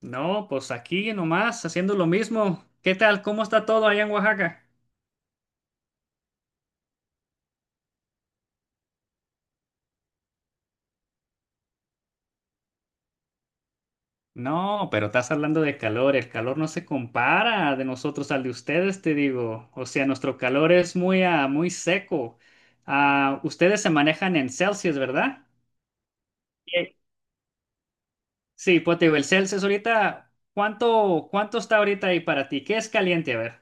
No, pues aquí nomás haciendo lo mismo. ¿Qué tal? ¿Cómo está todo allá en Oaxaca? No, pero estás hablando de calor. El calor no se compara de nosotros al de ustedes, te digo. O sea, nuestro calor es muy seco. Ah, ustedes se manejan en Celsius, ¿verdad? Sí, sí, pues te digo, el Celsius ahorita, ¿cuánto está ahorita ahí para ti? ¿Qué es caliente? A ver.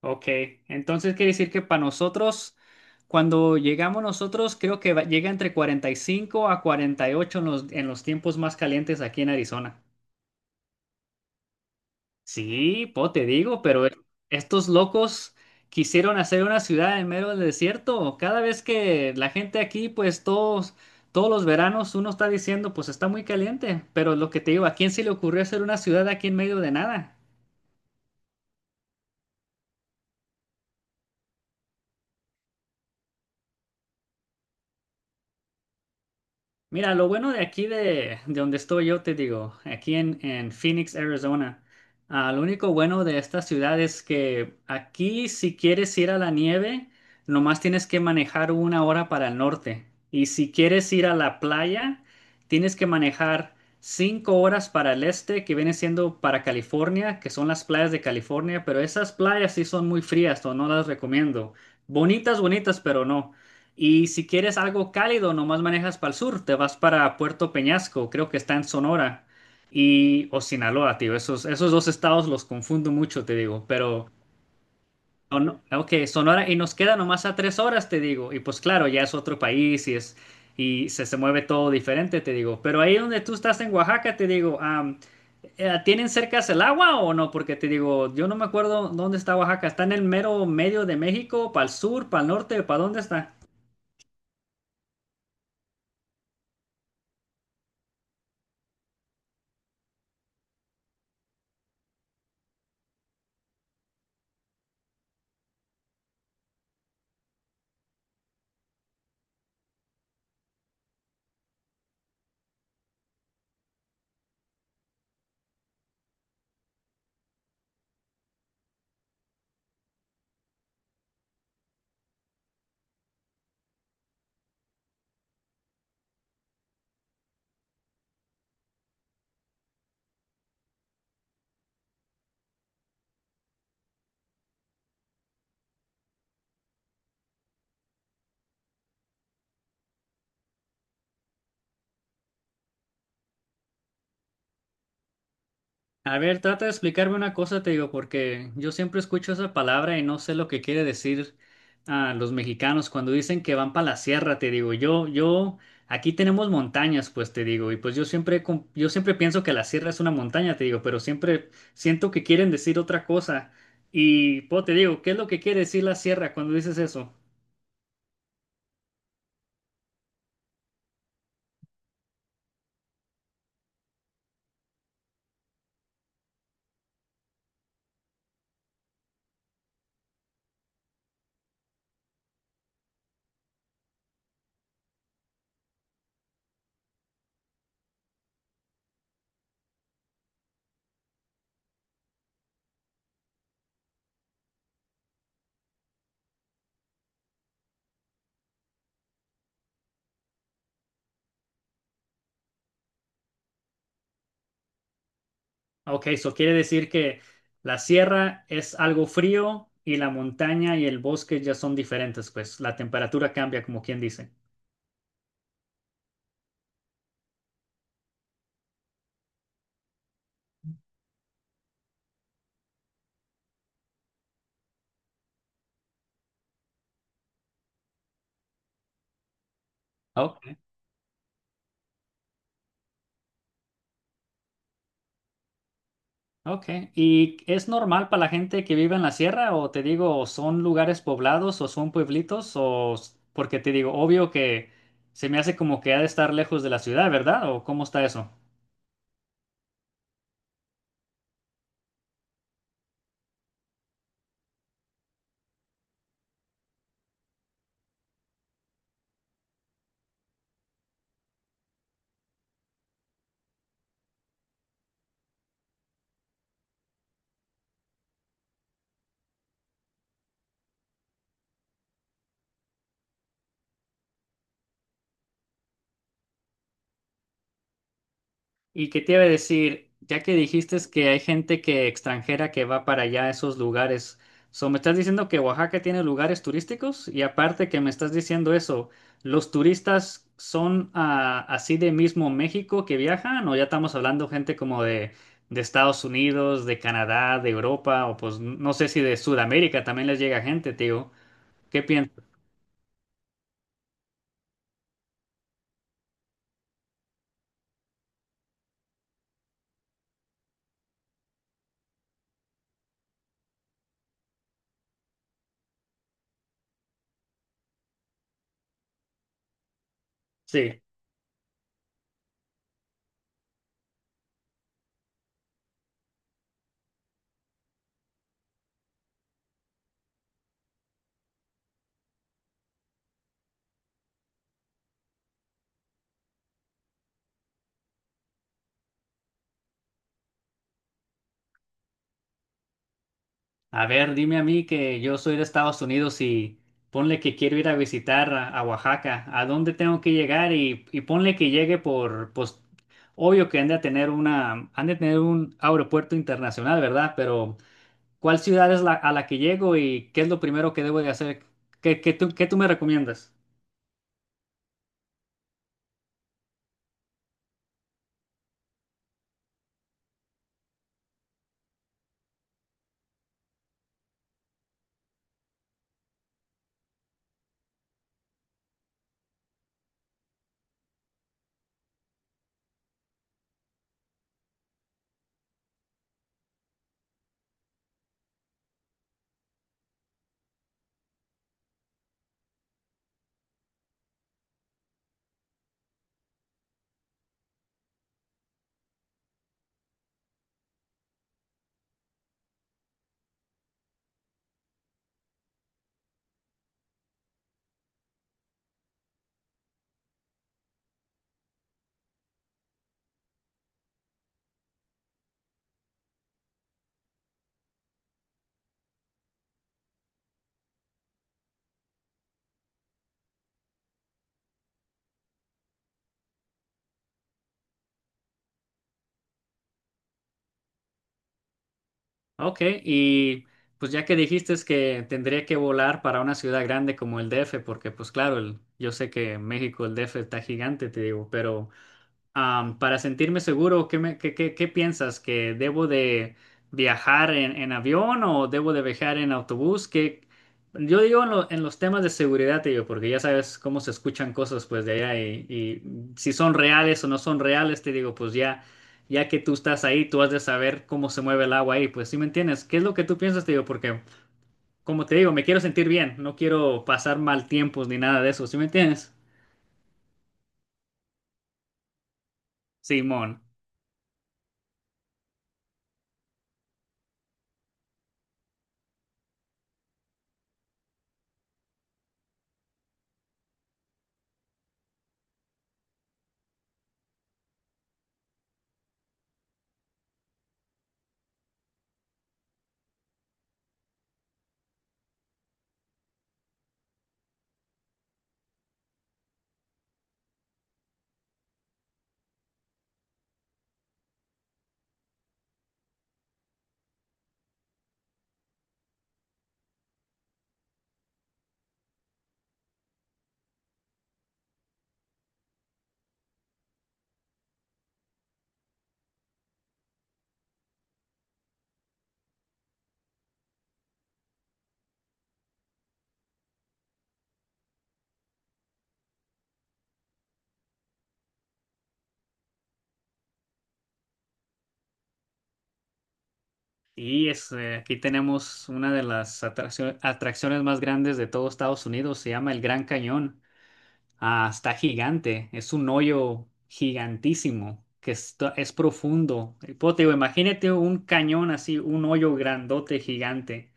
Ok, entonces quiere decir que para nosotros, cuando llegamos nosotros, creo que llega entre 45 a 48 en los tiempos más calientes aquí en Arizona. Sí, po, te digo, pero estos locos quisieron hacer una ciudad en medio del desierto. Cada vez que la gente aquí, pues todos los veranos uno está diciendo, pues está muy caliente, pero lo que te digo, ¿a quién se le ocurrió hacer una ciudad aquí en medio de nada? Mira, lo bueno de aquí de donde estoy yo, te digo, aquí en Phoenix, Arizona, lo único bueno de esta ciudad es que aquí si quieres ir a la nieve, nomás tienes que manejar 1 hora para el norte. Y si quieres ir a la playa, tienes que manejar 5 horas para el este, que viene siendo para California, que son las playas de California, pero esas playas sí son muy frías, o no las recomiendo. Bonitas, bonitas, pero no. Y si quieres algo cálido, nomás manejas para el sur, te vas para Puerto Peñasco, creo que está en Sonora, y o Sinaloa, tío. Esos dos estados los confundo mucho, te digo, pero o no, ok, Sonora, y nos queda nomás a 3 horas, te digo, y pues claro, ya es otro país y se mueve todo diferente, te digo. Pero ahí donde tú estás en Oaxaca, te digo, ¿tienen cercas el agua o no? Porque te digo, yo no me acuerdo dónde está Oaxaca, está en el mero medio de México, para el sur, para el norte, ¿para dónde está? A ver, trata de explicarme una cosa, te digo, porque yo siempre escucho esa palabra y no sé lo que quiere decir a los mexicanos cuando dicen que van para la sierra, te digo. Yo, aquí tenemos montañas, pues te digo, y pues yo siempre, yo siempre pienso que la sierra es una montaña, te digo, pero siempre siento que quieren decir otra cosa. Y pues te digo, ¿qué es lo que quiere decir la sierra cuando dices eso? Ok, eso quiere decir que la sierra es algo frío y la montaña y el bosque ya son diferentes, pues la temperatura cambia, como quien dice. Ok, ok. ¿Y es normal para la gente que vive en la sierra o te digo, o son lugares poblados o son pueblitos o porque te digo, obvio que se me hace como que ha de estar lejos de la ciudad, ¿verdad? ¿O cómo está eso? Y que te iba a decir, ya que dijiste es que hay gente que extranjera que va para allá a esos lugares, so, ¿me estás diciendo que Oaxaca tiene lugares turísticos? Y aparte que me estás diciendo eso, ¿los turistas son así de mismo México que viajan o ya estamos hablando gente como de Estados Unidos, de Canadá, de Europa o pues no sé si de Sudamérica también les llega gente, tío? ¿Qué piensas? Sí. A ver, dime a mí que yo soy de Estados Unidos y ponle que quiero ir a visitar a Oaxaca. ¿A dónde tengo que llegar? Y ponle que llegue por, pues, obvio que han de tener un aeropuerto internacional, ¿verdad? Pero, ¿cuál ciudad es a la que llego y qué es lo primero que debo de hacer? ¿Qué tú me recomiendas? Ok, y pues ya que dijiste es que tendría que volar para una ciudad grande como el DF, porque pues claro, yo sé que México, el DF está gigante, te digo, pero. Para sentirme seguro, ¿qué, me- qué, qué- qué piensas? ¿Que debo de viajar en avión o debo de viajar en autobús? Que yo digo en los temas de seguridad, te digo, porque ya sabes cómo se escuchan cosas pues de allá y si son reales o no son reales, te digo, pues ya que tú estás ahí, tú has de saber cómo se mueve el agua ahí, pues, ¿sí me entiendes? ¿Qué es lo que tú piensas? Te digo, porque como te digo, me quiero sentir bien, no quiero pasar mal tiempos ni nada de eso, ¿sí me entiendes? Simón. Aquí tenemos una de las atracciones más grandes de todo Estados Unidos, se llama el Gran Cañón. Ah, está gigante, es un hoyo gigantísimo que es profundo. Y, pues, te digo, imagínate un cañón así, un hoyo grandote gigante.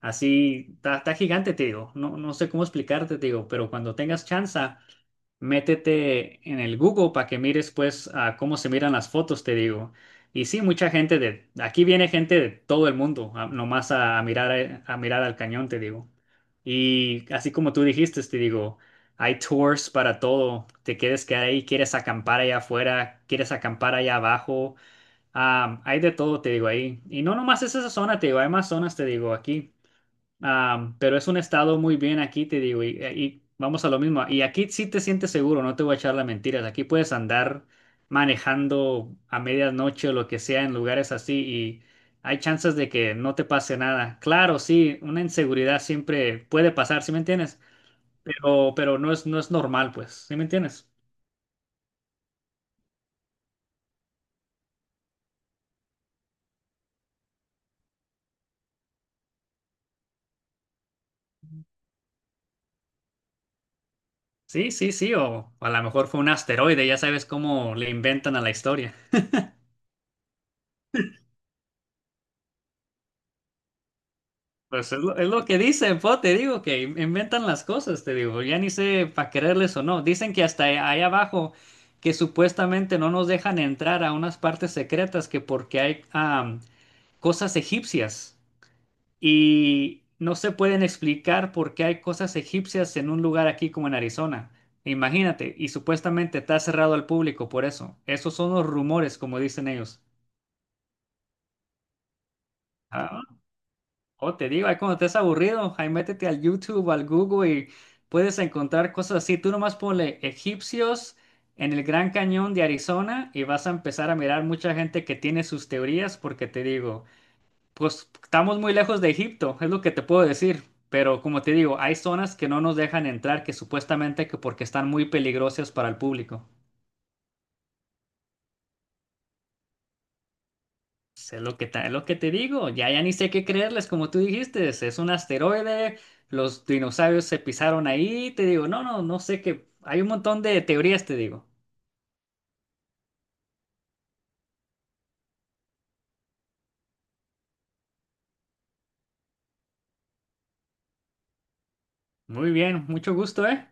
Así, está gigante, te digo. No, no sé cómo explicarte, te digo, pero cuando tengas chance, métete en el Google para que mires pues a cómo se miran las fotos, te digo. Y sí, mucha gente de aquí viene gente de todo el mundo, nomás a mirar a mirar al cañón, te digo. Y así como tú dijiste, te digo, hay tours para todo. Te quieres quedar ahí, quieres acampar allá afuera, quieres acampar allá abajo. Ah, hay de todo, te digo ahí. Y no nomás es esa zona, te digo, hay más zonas, te digo, aquí. Ah, pero es un estado muy bien aquí, te digo, y vamos a lo mismo. Y aquí sí te sientes seguro, no te voy a echar las mentiras. Aquí puedes andar manejando a medianoche o lo que sea en lugares así y hay chances de que no te pase nada. Claro, sí, una inseguridad siempre puede pasar, ¿sí me entiendes? Pero, no es normal, pues, ¿sí me entiendes? Sí, sí, sí, o a lo mejor fue un asteroide, ya sabes cómo le inventan a la historia. Pues es lo que dicen, po, te digo que inventan las cosas, te digo, ya ni sé para creerles o no. Dicen que hasta ahí abajo, que supuestamente no nos dejan entrar a unas partes secretas, que porque hay cosas egipcias y no se pueden explicar por qué hay cosas egipcias en un lugar aquí como en Arizona. Imagínate, y supuestamente está cerrado al público por eso. Esos son los rumores, como dicen ellos. Ah, o te digo, ahí cuando estés aburrido, ahí métete al YouTube, al Google y puedes encontrar cosas así. Tú nomás ponle egipcios en el Gran Cañón de Arizona y vas a empezar a mirar mucha gente que tiene sus teorías porque te digo, pues estamos muy lejos de Egipto, es lo que te puedo decir. Pero como te digo, hay zonas que no nos dejan entrar que supuestamente que porque están muy peligrosas para el público. Pues, es lo que te digo, ya ni sé qué creerles, como tú dijiste, es un asteroide, los dinosaurios se pisaron ahí, te digo, no, no, no sé qué, hay un montón de teorías, te digo. Muy bien, mucho gusto, ¿eh?